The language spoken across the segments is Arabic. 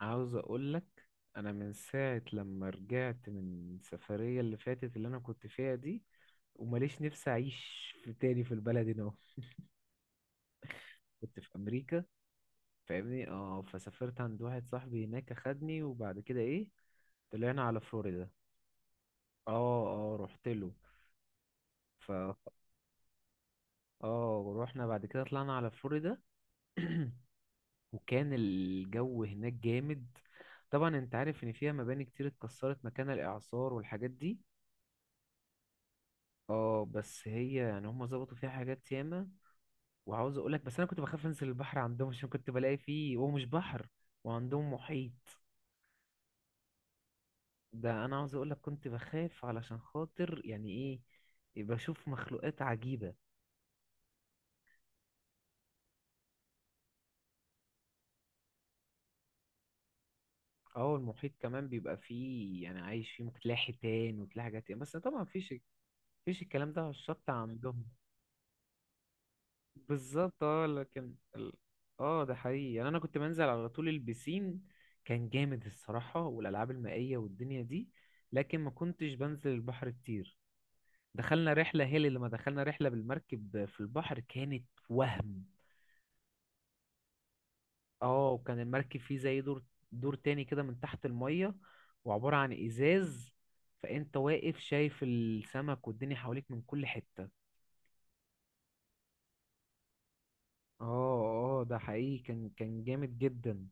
عاوز اقول لك، انا من ساعة لما رجعت من السفرية اللي فاتت اللي انا كنت فيها دي وماليش نفسي اعيش في تاني في البلد هنا أهو. كنت في امريكا فاهمني. اه فسافرت عند واحد صاحبي هناك اخدني، وبعد كده ايه طلعنا على فلوريدا. اه اه، رحت له. ف اه ورحنا بعد كده طلعنا على فلوريدا. وكان الجو هناك جامد. طبعا انت عارف ان فيها مباني كتير اتكسرت مكان الاعصار والحاجات دي. اه، بس هي يعني هم ظبطوا فيها حاجات ياما. وعاوز اقول لك بس، انا كنت بخاف انزل البحر عندهم، عشان كنت بلاقي فيه هو مش بحر، وعندهم محيط. ده انا عاوز اقول لك كنت بخاف، علشان خاطر يعني ايه؟ بشوف مخلوقات عجيبة. اه، المحيط كمان بيبقى فيه يعني عايش فيه، ممكن تلاقي حيتان وتلاقي حاجات ياما، بس طبعا مفيش الكلام ده على الشط عندهم. بالظبط. اه، ده حقيقي، يعني انا كنت بنزل على طول البسين. كان جامد الصراحة، والالعاب المائية والدنيا دي. لكن ما كنتش بنزل البحر كتير. دخلنا رحلة هي اللي لما دخلنا رحلة بالمركب في البحر كانت وهم. اه، وكان المركب فيه زي دور. دور تاني كده من تحت المية، وعبارة عن ازاز. فانت واقف شايف السمك والدنيا حواليك من كل حتة. اه اه، ده حقيقي، كان جامد جدا.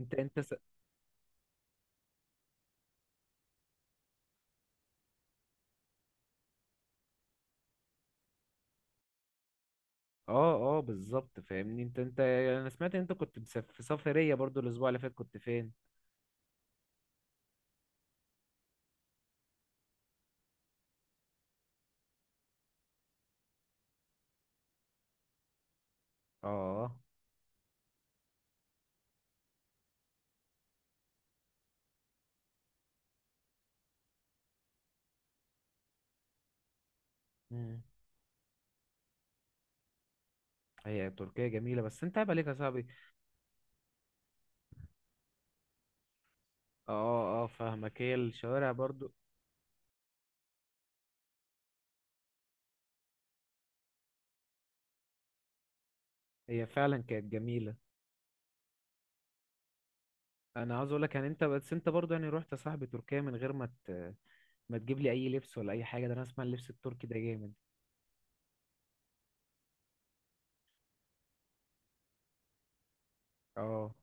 انت. اه اه، بالظبط فاهمني. انت، يعني انا سمعت ان انت كنت مسافر في سفرية برضو، الاسبوع اللي فات كنت فين؟ اه. مم. هي تركيا جميلة، بس انت عيب عليك يا صاحبي. اه اه، آه، فاهمك. هي الشوارع برضو هي فعلا كانت جميلة. انا عاوز اقول لك يعني انت، بس انت برضو يعني رحت يا صاحبي تركيا من غير ما ما تجيب لي اي لبس ولا اي حاجة. ده انا اسمع اللبس التركي ده جامد. اه،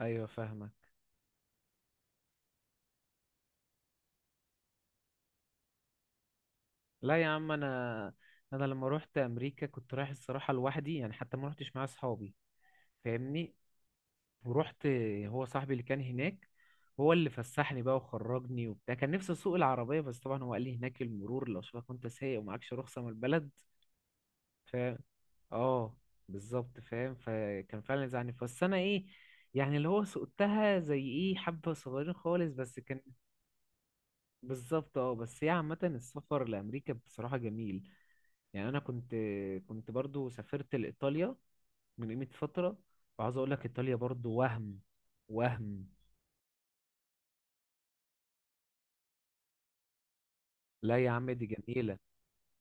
ايوه فاهمك. لا يا عم، انا لما روحت امريكا كنت رايح الصراحة لوحدي، يعني حتى ما روحتش مع اصحابي. فاهمني. ورحت. هو صاحبي اللي كان هناك، هو اللي فسحني بقى وخرجني وبتاع. كان نفسي اسوق العربية، بس طبعا هو قال لي هناك المرور لو شافك وانت سايق ومعكش رخصة من البلد. فاهم. اه، بالظبط فاهم، فكان فعلا زعلني، بس انا ايه؟ يعني اللي هو سقتها زي ايه حبة صغيرين خالص بس كان. بالظبط. اه، بس هي عامة السفر لأمريكا بصراحة جميل. يعني أنا كنت برضو سافرت لإيطاليا من قيمة فترة، وعاوز أقول لك إيطاليا برضو وهم. وهم. لا يا عم، دي جميلة.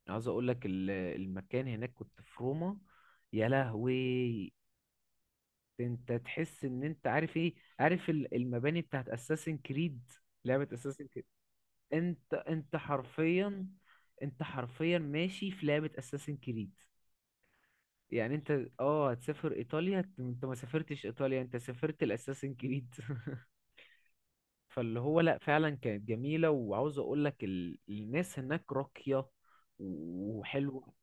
عاوز اقول لك المكان هناك، كنت في روما. يا لهوي، انت تحس ان انت عارف ايه، عارف المباني بتاعت اساسن كريد، لعبة اساسن كريد. انت انت حرفيا انت حرفيا ماشي في لعبة اساسن كريد. يعني انت هتسافر ايطاليا، أنت ما سافرتش ايطاليا، انت سافرت الاساسن كريد. فاللي هو لا، فعلا كانت جميلة، وعاوز اقول لك الناس هناك راقية، وحلوة.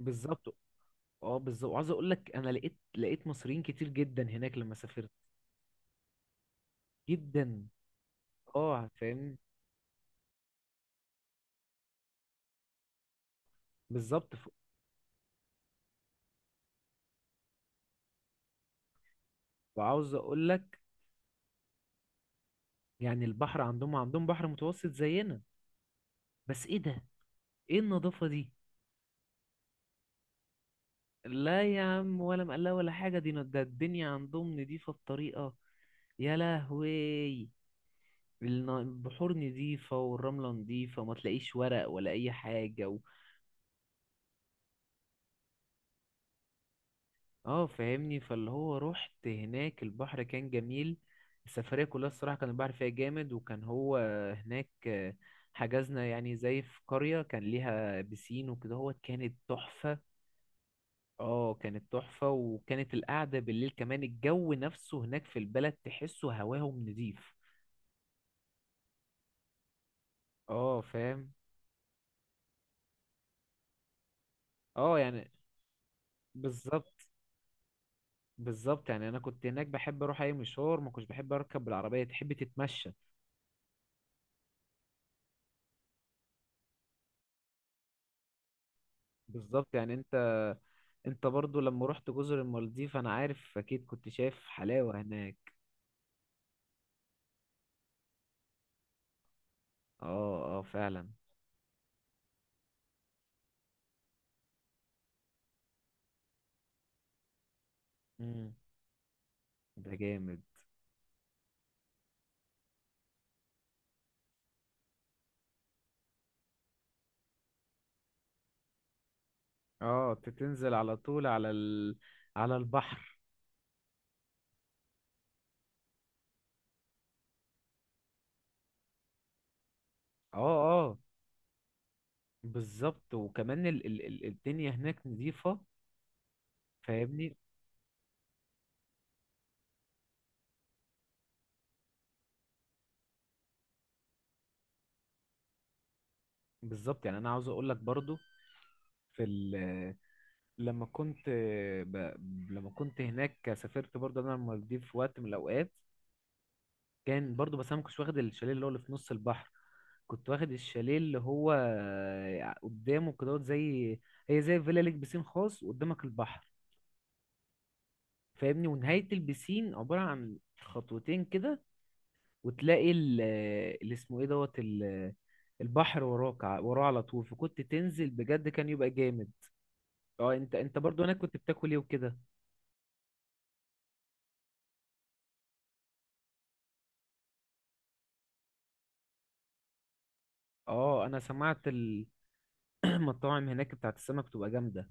بالظبط. اه، بالظبط، وعاوز اقول لك انا لقيت مصريين كتير جدا هناك لما سافرت، جدا. اه فاهم. بالظبط. وعاوز اقول لك يعني البحر عندهم، عندهم بحر متوسط زينا. بس ايه ده، ايه النظافة دي؟ لا يا عم، ولا مقلاة ولا حاجة، دي ده الدنيا عندهم نضيفة بطريقة، يا لهوي. البحور نضيفة والرملة نضيفة وما تلاقيش ورق ولا اي حاجة. اه فاهمني، فاللي هو رحت هناك البحر كان جميل، السفرية كلها الصراحة كان البحر فيها جامد. وكان هو هناك، حجزنا يعني زي في قرية كان ليها بسين وكده، هو كانت تحفة. اه، كانت تحفة، وكانت القعدة بالليل كمان، الجو نفسه هناك في البلد تحسه هواهم نضيف. اه فاهم. اه، يعني بالظبط. بالظبط يعني انا كنت هناك بحب اروح اي مشوار، ما كنتش بحب اركب بالعربية، تحب تتمشى. بالظبط، يعني انت برضو لما رحت جزر المالديف، انا عارف اكيد كنت شايف حلاوة هناك. اه اه، فعلا. مم. ده جامد. اه، تتنزل على طول على البحر. اه اه، بالظبط، وكمان الدنيا هناك نظيفة. فاهمني. بالظبط، يعني انا عاوز اقول لك برضو في ال... لما كنت ب... لما كنت هناك سافرت برضو انا المالديف في وقت من الاوقات، كان برضو، بس انا ما كنتش واخد الشاليه اللي هو اللي في نص البحر، كنت واخد الشاليه اللي هو قدامه كده، زي، هي زي فيلا ليك بسين خاص وقدامك البحر. فاهمني، ونهاية البسين عبارة عن خطوتين كده. وتلاقي اللي اسمه ايه دوت البحر وراك، وراه على طول، فكنت تنزل بجد، كان يبقى جامد. اه، انت برضو هناك كنت بتاكل ايه وكده؟ اه، انا سمعت المطاعم هناك بتاعت السمك تبقى جامدة.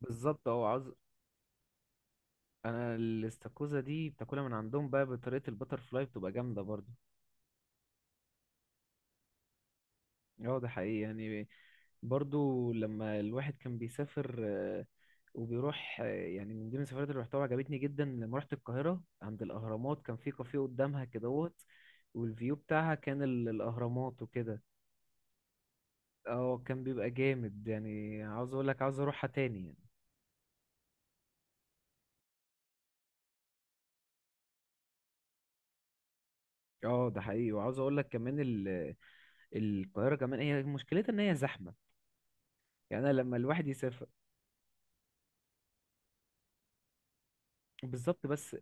بالظبط. اه، انا الاستاكوزا دي بتاكلها من عندهم بقى بطريقة البتر فلاي، بتبقى جامدة برضو. اه، ده حقيقي، يعني برضو لما الواحد كان بيسافر وبيروح، يعني من ضمن السفرات اللي رحتها عجبتني جدا لما رحت القاهرة عند الأهرامات، كان في كافيه قدامها كدهوت، والفيو بتاعها كان الأهرامات وكده. اه، كان بيبقى جامد، يعني عاوز اقول لك عاوز اروحها تاني يعني. اه، ده حقيقي، وعاوز اقول لك كمان القاهرة كمان هي مشكلتها ان هي زحمة. يعني أنا لما الواحد يسافر. بالظبط بس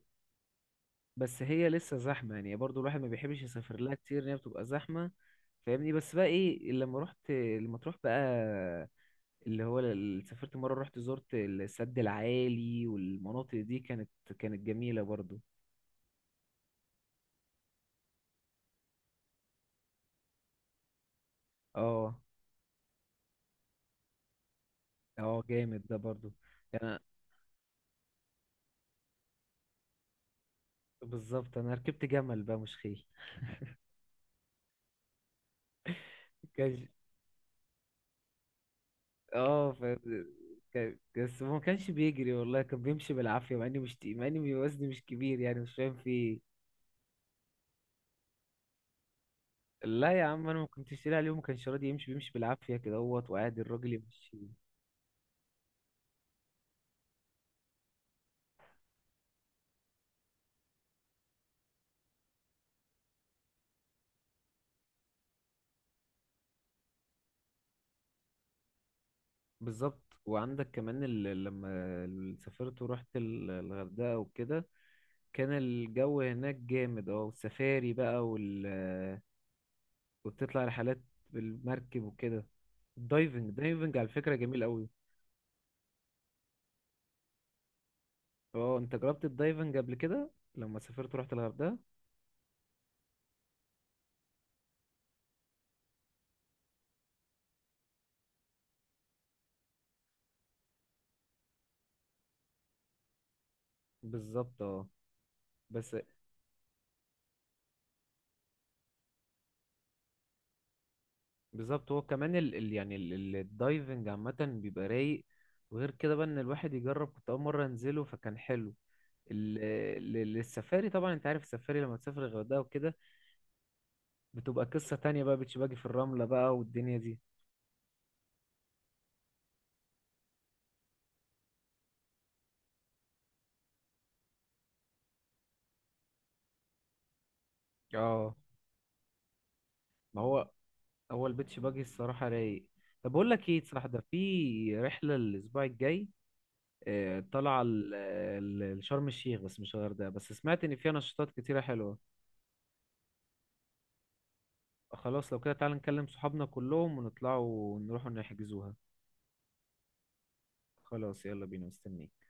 بس هي لسه زحمة يعني، برضو الواحد ما بيحبش يسافر لها كتير، ان هي بتبقى زحمة. فاهمني. بس بقى ايه، لما رحت، لما تروح بقى اللي هو سافرت مرة رحت زرت السد العالي والمناطق دي، كانت جميلة برضو. اه اه، جامد ده برضو. يعني بالظبط، انا ركبت جمل بقى مش خيل. كان اه ف... كان... بس هو ما كانش بيجري والله، كان بيمشي بالعافية، مع اني مش تقيل- مع اني وزني مش كبير يعني، مش فاهم في ايه. لا يا عم، انا ما كنتش لاقي اليوم، كان شرادي يمشي، بيمشي بالعافيه كده اهوت، وقاعد الراجل يمشي. بالظبط، وعندك كمان لما سافرت ورحت الغردقه وكده، كان الجو هناك جامد. اه، والسفاري بقى، وبتطلع رحلات بالمركب وكده. الدايفنج على فكره جميل قوي. اه، انت جربت الدايفنج قبل كده لما سافرت ورحت الغردقه؟ بالظبط. اه، بس بالظبط، هو كمان يعني الدايفنج عامة بيبقى رايق، وغير كده بقى ان الواحد يجرب، كنت اول مرة انزله فكان حلو. ال... السفاري طبعا انت عارف السفاري لما تسافر الغردقة وكده بتبقى قصة تانية بقى، بيتش باجي في الرملة بقى والدنيا دي. اه. ما هو، هو البيتش باجي الصراحة رايق. طب بقول لك ايه صراحة، ده في رحلة الأسبوع الجاي، آه، طالعة لشرم الشيخ، بس مش الغردقة، بس سمعت إن فيها نشاطات كتيرة حلوة. خلاص، لو كده تعالى نكلم صحابنا كلهم ونطلعوا ونروحوا نحجزوها. خلاص، يلا بينا مستنيك.